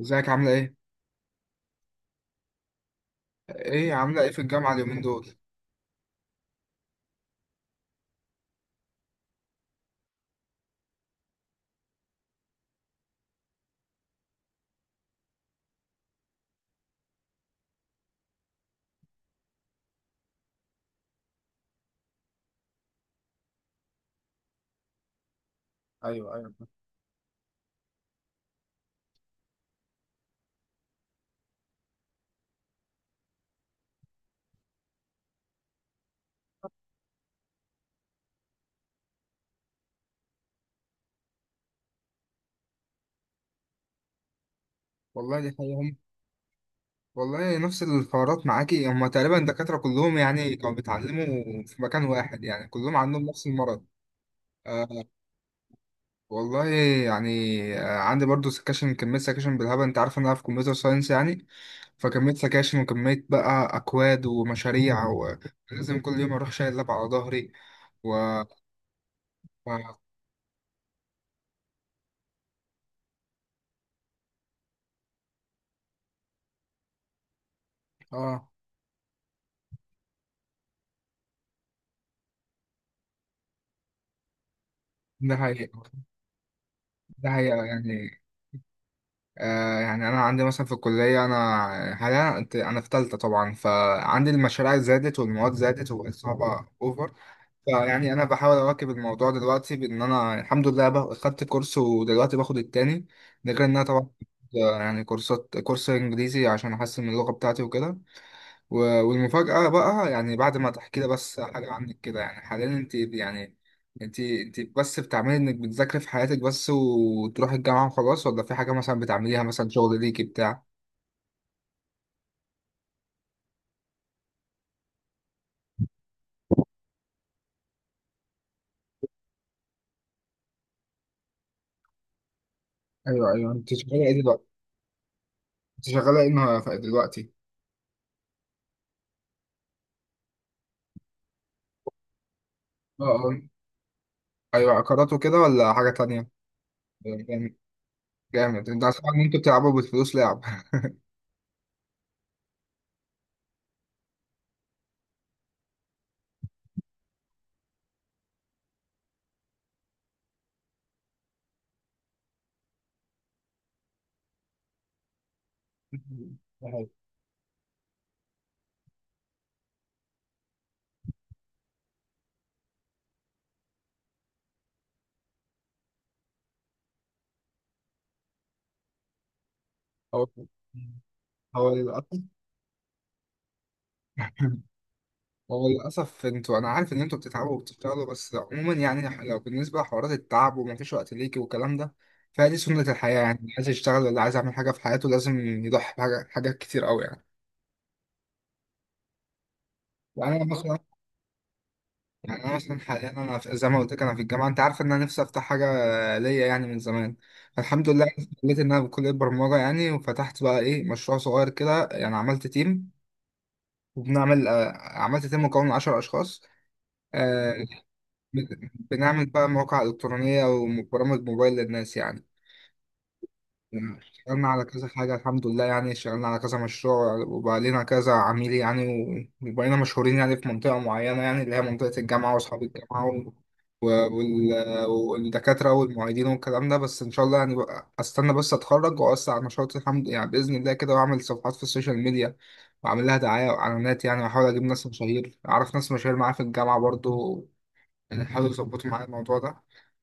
ازيك عاملة ايه؟ ايه عاملة ايه في الجامعة اليومين دول؟ ايوه، ايوه. والله دي حقيقة هم. والله نفس الحوارات معاكي هما تقريبا الدكاترة كلهم يعني كانوا بيتعلموا في مكان واحد، يعني كلهم عندهم نفس المرض. آه. والله. يعني آه عندي برضو سكاشن، كمية سكاشن بالهبل، انت عارف ان انا في كمبيوتر ساينس يعني. فكمية سكاشن وكمية بقى أكواد ومشاريع، ولازم كل يوم أروح شايل لاب على ظهري. و... و... آه ده حقيقة. ده حقيقة يعني. يعني انا عندي مثلا في الكليه، انا حاليا انا في ثالثه طبعا، فعندي المشاريع زادت والمواد زادت وبقت صعبه اوفر. فيعني انا بحاول اواكب الموضوع دلوقتي، بان انا الحمد لله خدت كورس ودلوقتي باخد التاني. ده غير ان انا طبعا يعني كورسات، كورس انجليزي عشان احسن من اللغه بتاعتي وكده. والمفاجأة بقى يعني بعد ما تحكي لي بس حاجة عنك كده، يعني حاليا انت يعني انت بس بتعملي انك بتذاكري في حياتك بس وتروحي الجامعة وخلاص، ولا في حاجة مثلا بتعمليها، مثلا شغل ليكي بتاع؟ ايوه، ايوه. انت شغاله ايه دلوقتي؟ انت شغالة ايه دلوقتي؟ اه، اه. ايوه، عقارات وكده ولا حاجة تانية؟ جامد. جامد. انت اسمع ان انتوا بتلعبوا بالفلوس لعب. ده حقيقي. هو، هو للأسف. هو للأسف انتوا، أنا عارف إن انتوا بتتعبوا وبتشتغلوا، بس عموما يعني لو بالنسبة لحوارات التعب ومفيش وقت ليكي والكلام ده، فدي سنة الحياة يعني. اللي عايز يشتغل ولا عايز يعمل حاجة في حياته لازم يضحي حاجات كتير أوي يعني. يعني أنا مثلا. يعني أنا مثلا حاليا أنا زي ما قلت لك أنا في الجامعة، أنت عارف إن أنا نفسي أفتح حاجة ليا يعني من زمان. الحمد لله، لقيت إن أنا بكلية برمجة يعني، وفتحت بقى إيه، مشروع صغير كده. يعني عملت تيم مكون من 10 أشخاص. آه، بنعمل بقى مواقع إلكترونية وبرامج موبايل للناس يعني. اشتغلنا على كذا حاجة الحمد لله، يعني اشتغلنا على كذا مشروع، وبقى لنا كذا عميل يعني، وبقينا مشهورين يعني في منطقة معينة، يعني اللي هي منطقة الجامعة وأصحاب الجامعة والدكاترة والمعيدين والكلام ده. بس إن شاء الله يعني بقى أستنى بس أتخرج، وأوسع على نشاطي الحمد يعني بإذن الله كده، وأعمل صفحات في السوشيال ميديا وأعمل لها دعاية وإعلانات يعني، وأحاول أجيب ناس مشاهير، أعرف ناس مشاهير معايا في الجامعة برضو يعني، حاولوا يظبطوا معايا الموضوع ده.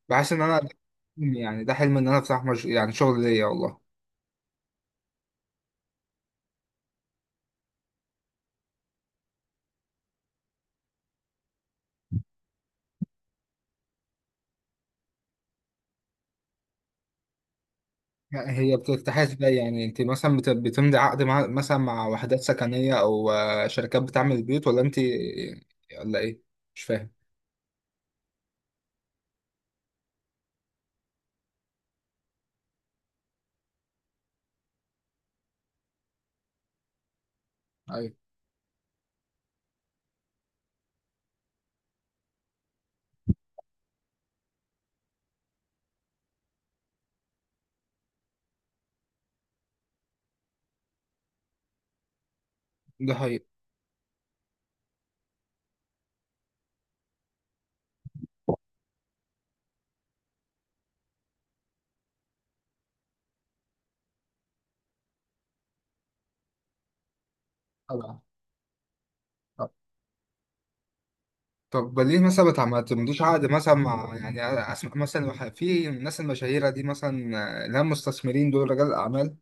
بحس ان انا يعني ده حلم ان انا افتح مش... يعني شغل ليا والله. هي بترتاح ازاي يعني؟ انت مثلا بتمضي عقد مع، مثلا مع وحدات سكنية، او شركات بتعمل بيوت، ولا انت ولا ايه؟ مش فاهم. ايوه. ده حقيقي. طبعا. طبعا. طب ليه مثلا ما تمضيش عقد مثلا مع يعني، اسمع مثلا في الناس المشاهيره دي مثلا، اللي هم مستثمرين، دول رجال الاعمال،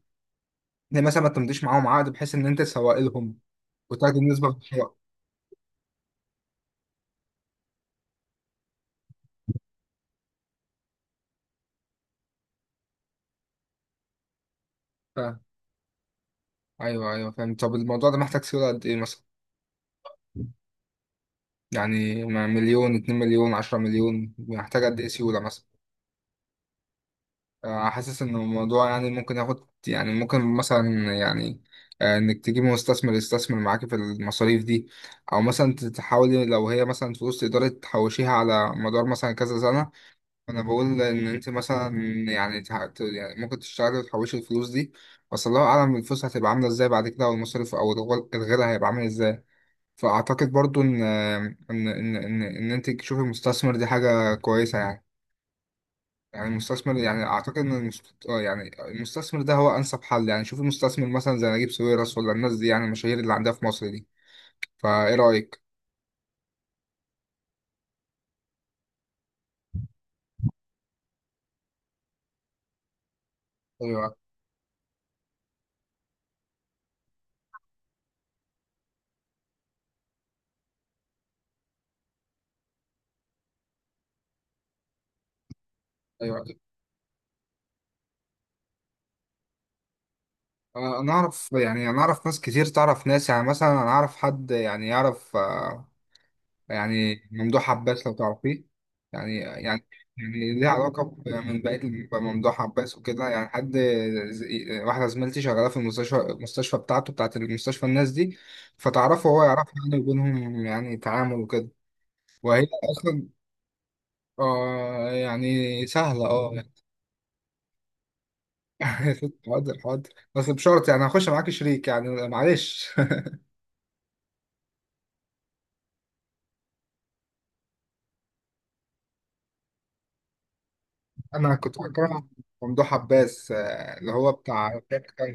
ليه مثلا ما تمضيش معاهم عقد بحيث ان انت تسوق لهم وتاخد النسبه في الحقوق؟ ايوه، ايوه، فاهم. طب الموضوع ده محتاج سيولة قد ايه مثلا؟ يعني مليون، 2 مليون، 10 مليون محتاج قد ايه سيولة مثلا؟ حاسس ان الموضوع يعني ممكن ياخد، يعني ممكن مثلا يعني انك تجيب مستثمر يستثمر معاكي في المصاريف دي، او مثلا تحاولي لو هي مثلا فلوس تقدري تحوشيها على مدار مثلا كذا سنة. انا بقول ان انت مثلا يعني يعني ممكن تشتغلي وتحوشي الفلوس دي، بس الله اعلم الفلوس هتبقى عاملة ازاي بعد كده، والمصاريف او الغلا هيبقى عامل ازاي. فاعتقد برضو إن انت تشوفي المستثمر دي حاجه كويسه يعني. يعني المستثمر يعني اعتقد ان المست... آه يعني المستثمر ده هو انسب حل. يعني شوفي مستثمر مثلا زي نجيب ساويرس، ولا الناس دي يعني المشاهير اللي عندها في مصر دي. فايه رايك؟ ايوه، ايوه. انا اعرف يعني، انا اعرف ناس كتير تعرف ناس يعني، مثلا انا اعرف حد يعني يعرف يعني ممدوح عباس لو تعرفيه. يعني يعني، يعني ليه علاقة ممدوح عباس وكده يعني. حد واحدة زميلتي شغالة في المستشفى، بتاعته، بتاعت المستشفى الناس دي، فتعرفه وهو يعرفها يعني، وبينهم يعني تعامل وكده. وهي أصلا آه يعني سهلة، اه يعني. حاضر، حاضر، بس بشرط يعني هخش معاك شريك يعني، معلش. أنا كنت بكره ممدوح عباس، اللي هو بتاع، اه،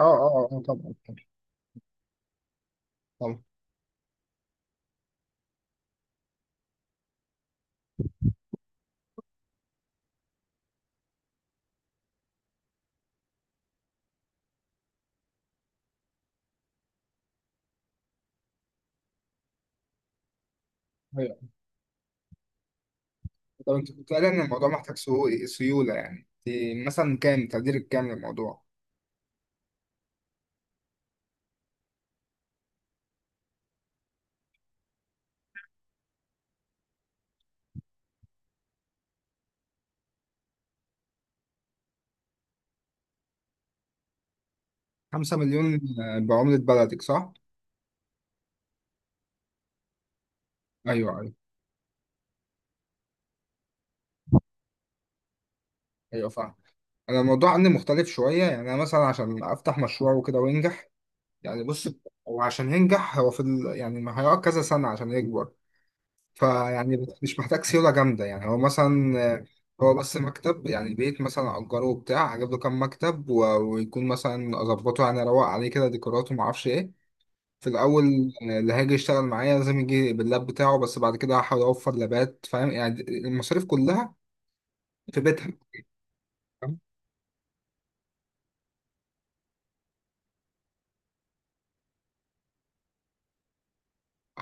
اه. طبعا. طبعا. طبعا. طب انت كنت قايل ان الموضوع محتاج سيوله، يعني دي مثلا كام تقدير، الكام للموضوع؟ 5 مليون؟ بعمله بلدك صح؟ ايوه، ايوه. ايوه فاهم. انا الموضوع عندي مختلف شويه، يعني انا مثلا عشان افتح مشروع وكده وينجح، يعني بص، هو عشان ينجح هو يعني ما هيقعد كذا سنه عشان يكبر. فيعني مش محتاج سيوله جامده، يعني هو مثلا هو بس مكتب، يعني بيت مثلا اجره، وبتاع اجيب له كام مكتب، ويكون مثلا اظبطه يعني اروق عليه كده، ديكوراته ما اعرفش ايه، في الأول. اللي هيجي يشتغل معايا لازم يجي باللاب بتاعه، بس بعد كده هحاول أوفر لابات، فاهم، يعني المصاريف كلها في بيتها.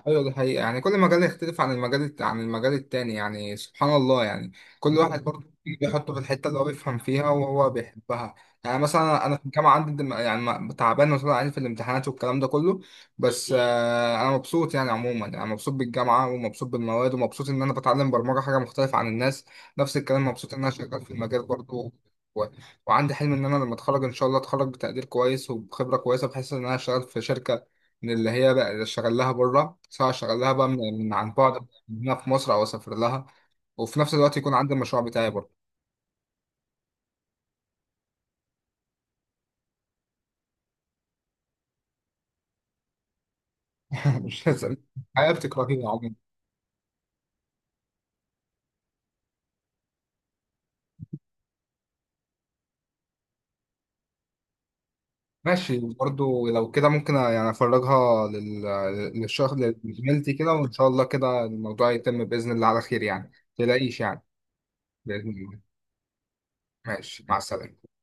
ايوه دي حقيقة، يعني كل مجال يختلف عن عن المجال التاني يعني، سبحان الله يعني. كل واحد برضه بيحطه في الحتة اللي هو بيفهم فيها وهو بيحبها. يعني مثلا انا في الجامعة عندي تعبان وطلع عيني في الامتحانات والكلام ده كله، بس انا مبسوط يعني عموما، يعني مبسوط بالجامعة، ومبسوط بالمواد، ومبسوط ان انا بتعلم برمجة حاجة مختلفة عن الناس. نفس الكلام، مبسوط ان انا شغال في المجال برضه. و- وعندي حلم ان انا لما اتخرج ان شاء الله، اتخرج بتقدير كويس وبخبره كويسه بحيث ان انا اشتغل في شركه، من اللي هي بقى اللي اشتغل لها بره، سواء اشتغل لها بقى من، من عن بعد من هنا في مصر، او اسافر لها. وفي نفس الوقت يكون عندي المشروع بتاعي برضه. مش لازم. الحياة بتكرهني عموما. ماشي، برضه لو كده ممكن يعني للشغل لزميلتي كده، وان شاء الله كده الموضوع يتم باذن الله على خير يعني. ما تقلقيش يعني. باذن الله. ماشي، مع السلامه.